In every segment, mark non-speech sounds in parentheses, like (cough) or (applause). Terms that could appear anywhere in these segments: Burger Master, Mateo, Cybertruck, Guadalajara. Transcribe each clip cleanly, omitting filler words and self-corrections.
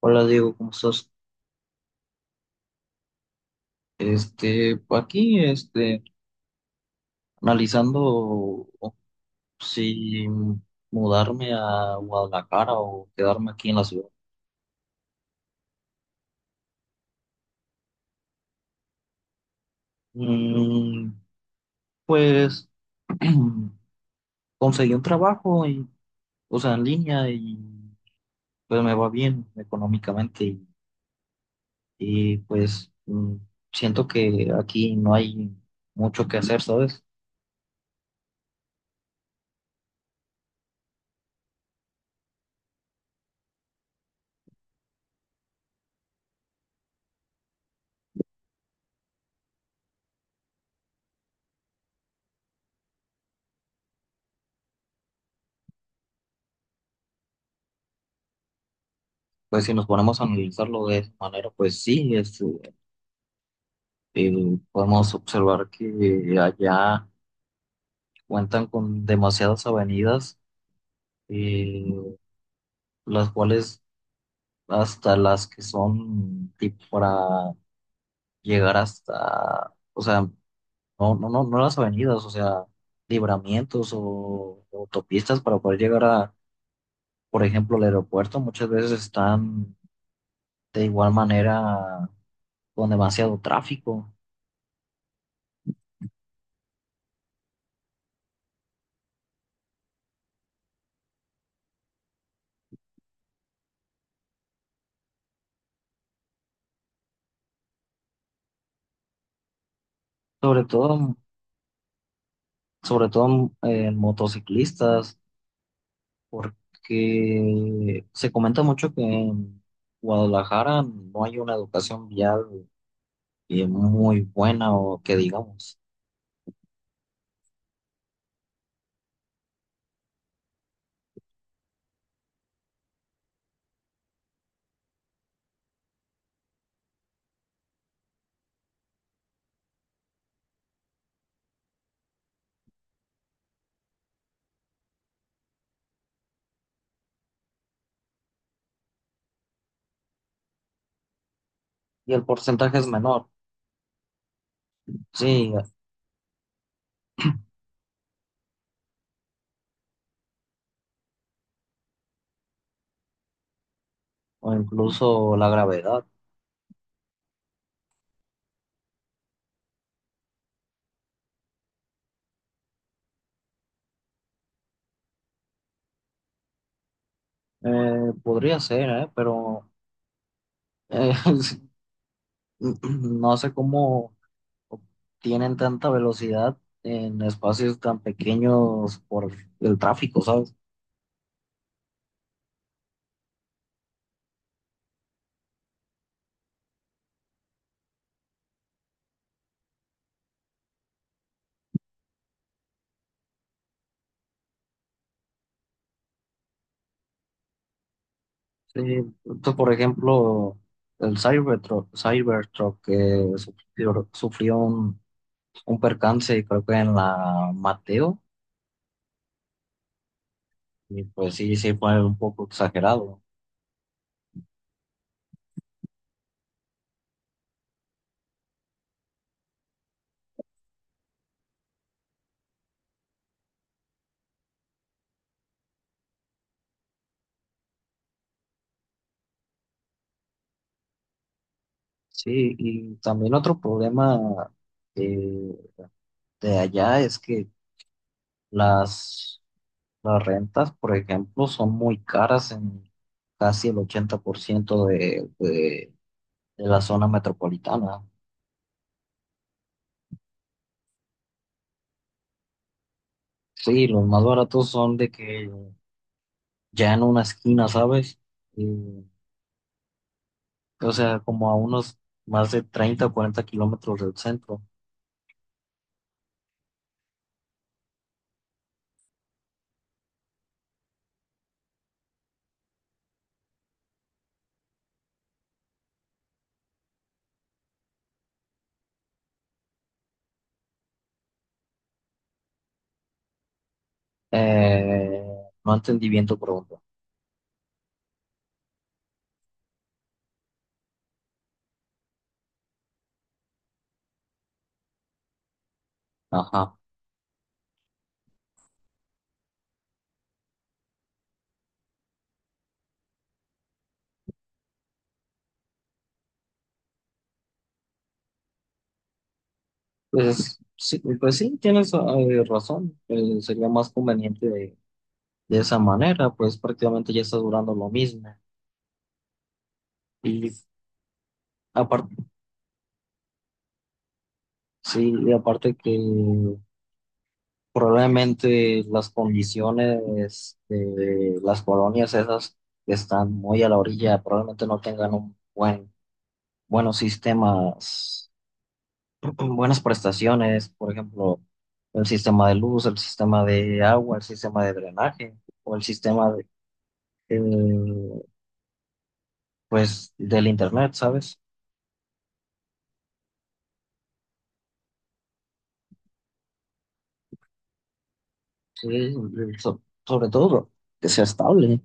Hola Diego, ¿cómo estás? Pues aquí, analizando si mudarme a Guadalajara o quedarme aquí en la ciudad. Mm, pues (clears throat) conseguí un trabajo y, o sea, en línea y pues me va bien económicamente y, pues siento que aquí no hay mucho que hacer, ¿sabes? Pues si nos ponemos a analizarlo de esa manera, pues sí, es. eh, Podemos observar que allá cuentan con demasiadas avenidas, eh, las cuales hasta las que son tipo para llegar hasta, o sea, no, las avenidas, o sea, libramientos o autopistas para poder llegar a, por ejemplo, al aeropuerto, muchas veces están de igual manera con demasiado tráfico, sobre todo, sobre todo en motociclistas porque se comenta mucho que en Guadalajara no hay una educación vial muy buena o que digamos, y el porcentaje es menor, sí, o incluso la gravedad. Podría ser, ¿eh? Pero eh, (laughs) no sé cómo tienen tanta velocidad en espacios tan pequeños por el tráfico, ¿sabes? Sí, pues, por ejemplo, el Cybertruck que sufrió un percance, creo que en la Mateo, y pues sí, sí fue un poco exagerado. Sí, y también otro problema eh, de allá es que las, las rentas, por ejemplo, son muy caras en casi el 80% de, de la zona metropolitana. Sí, los más baratos son de que ya en una esquina, ¿sabes? Y, o sea, como a unos más de 30 o 40 kilómetros del centro. Eh, no entendí bien tu pregunta. Ajá. Pues sí, tienes razón. Sería más conveniente de esa manera, pues prácticamente ya está durando lo mismo. Y aparte, sí, y aparte que probablemente las condiciones de las colonias esas que están muy a la orilla probablemente no tengan un buen buenos sistemas, (clears throat) buenas prestaciones, por ejemplo, el sistema de luz, el sistema de agua, el sistema de drenaje o el sistema de, eh, pues, del internet, ¿sabes? Sí, sobre todo que sea estable.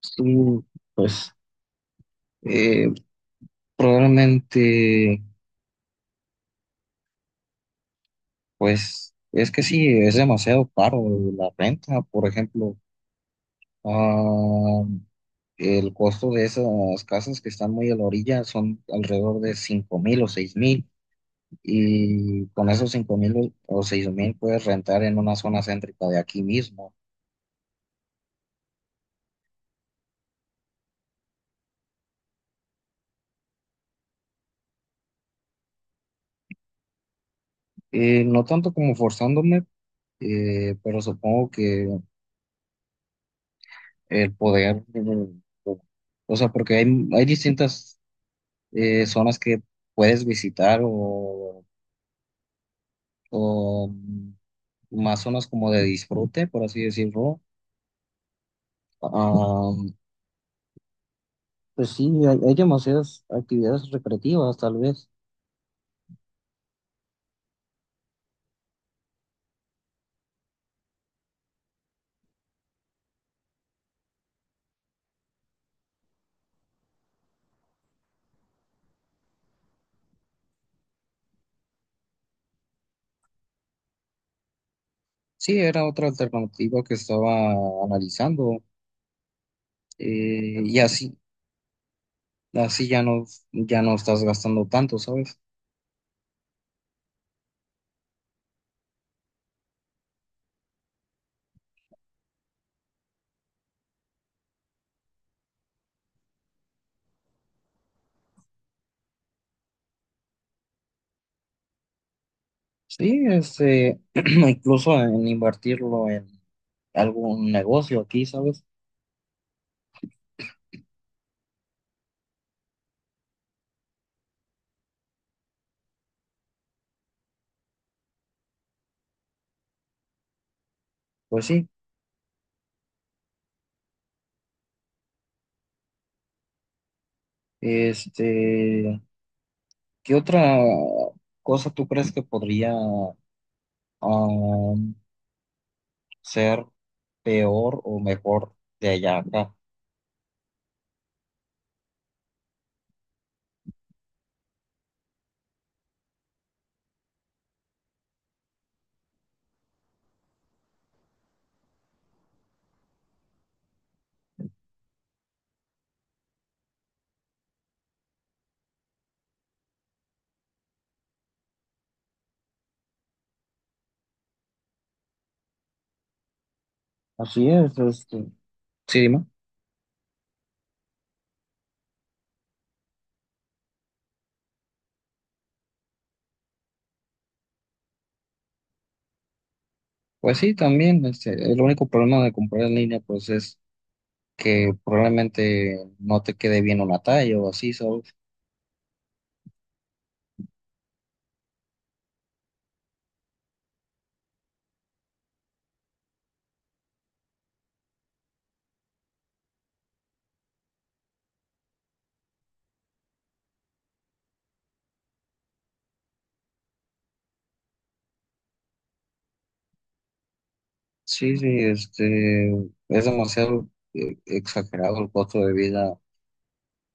Sí, pues eh, probablemente, pues es que sí, es demasiado caro la renta, por ejemplo. ah, El costo de esas casas que están muy a la orilla son alrededor de 5000 o 6000 y con esos 5000 o 6 mil puedes rentar en una zona céntrica de aquí mismo. No tanto como forzándome, pero supongo que el poder, o sea, porque hay distintas zonas que puedes visitar o más zonas como de disfrute, por así decirlo. ah, Pues sí, hay demasiadas actividades recreativas, tal vez. Sí, era otra alternativa que estaba analizando y así, así ya no, ya no estás gastando tanto, ¿sabes? Sí, este, (clears throat) incluso en invertirlo en algún negocio aquí, ¿sabes? Pues sí, este, ¿qué otra cosa tú crees que podría um, ser peor o mejor de allá a acá? Así es, este. Sí, dime. Pues sí, también, este, el único problema de comprar en línea, pues es que probablemente no te quede bien una talla o así, ¿sabes? Sí, sí, este, es demasiado exagerado el costo de vida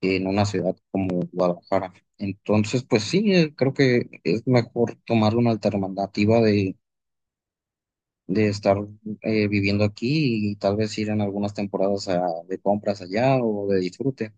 en una ciudad como Guadalajara. Entonces, pues sí, creo que es mejor tomar una alternativa de estar viviendo aquí y tal vez ir en algunas temporadas a- de compras allá o de disfrute.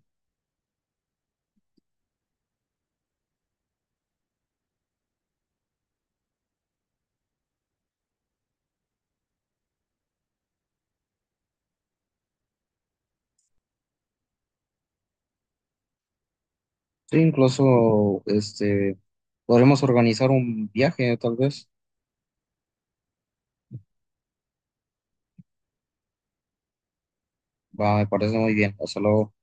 Sí, incluso este, podremos organizar un viaje, tal vez. Va, me parece muy bien. O sea, lo-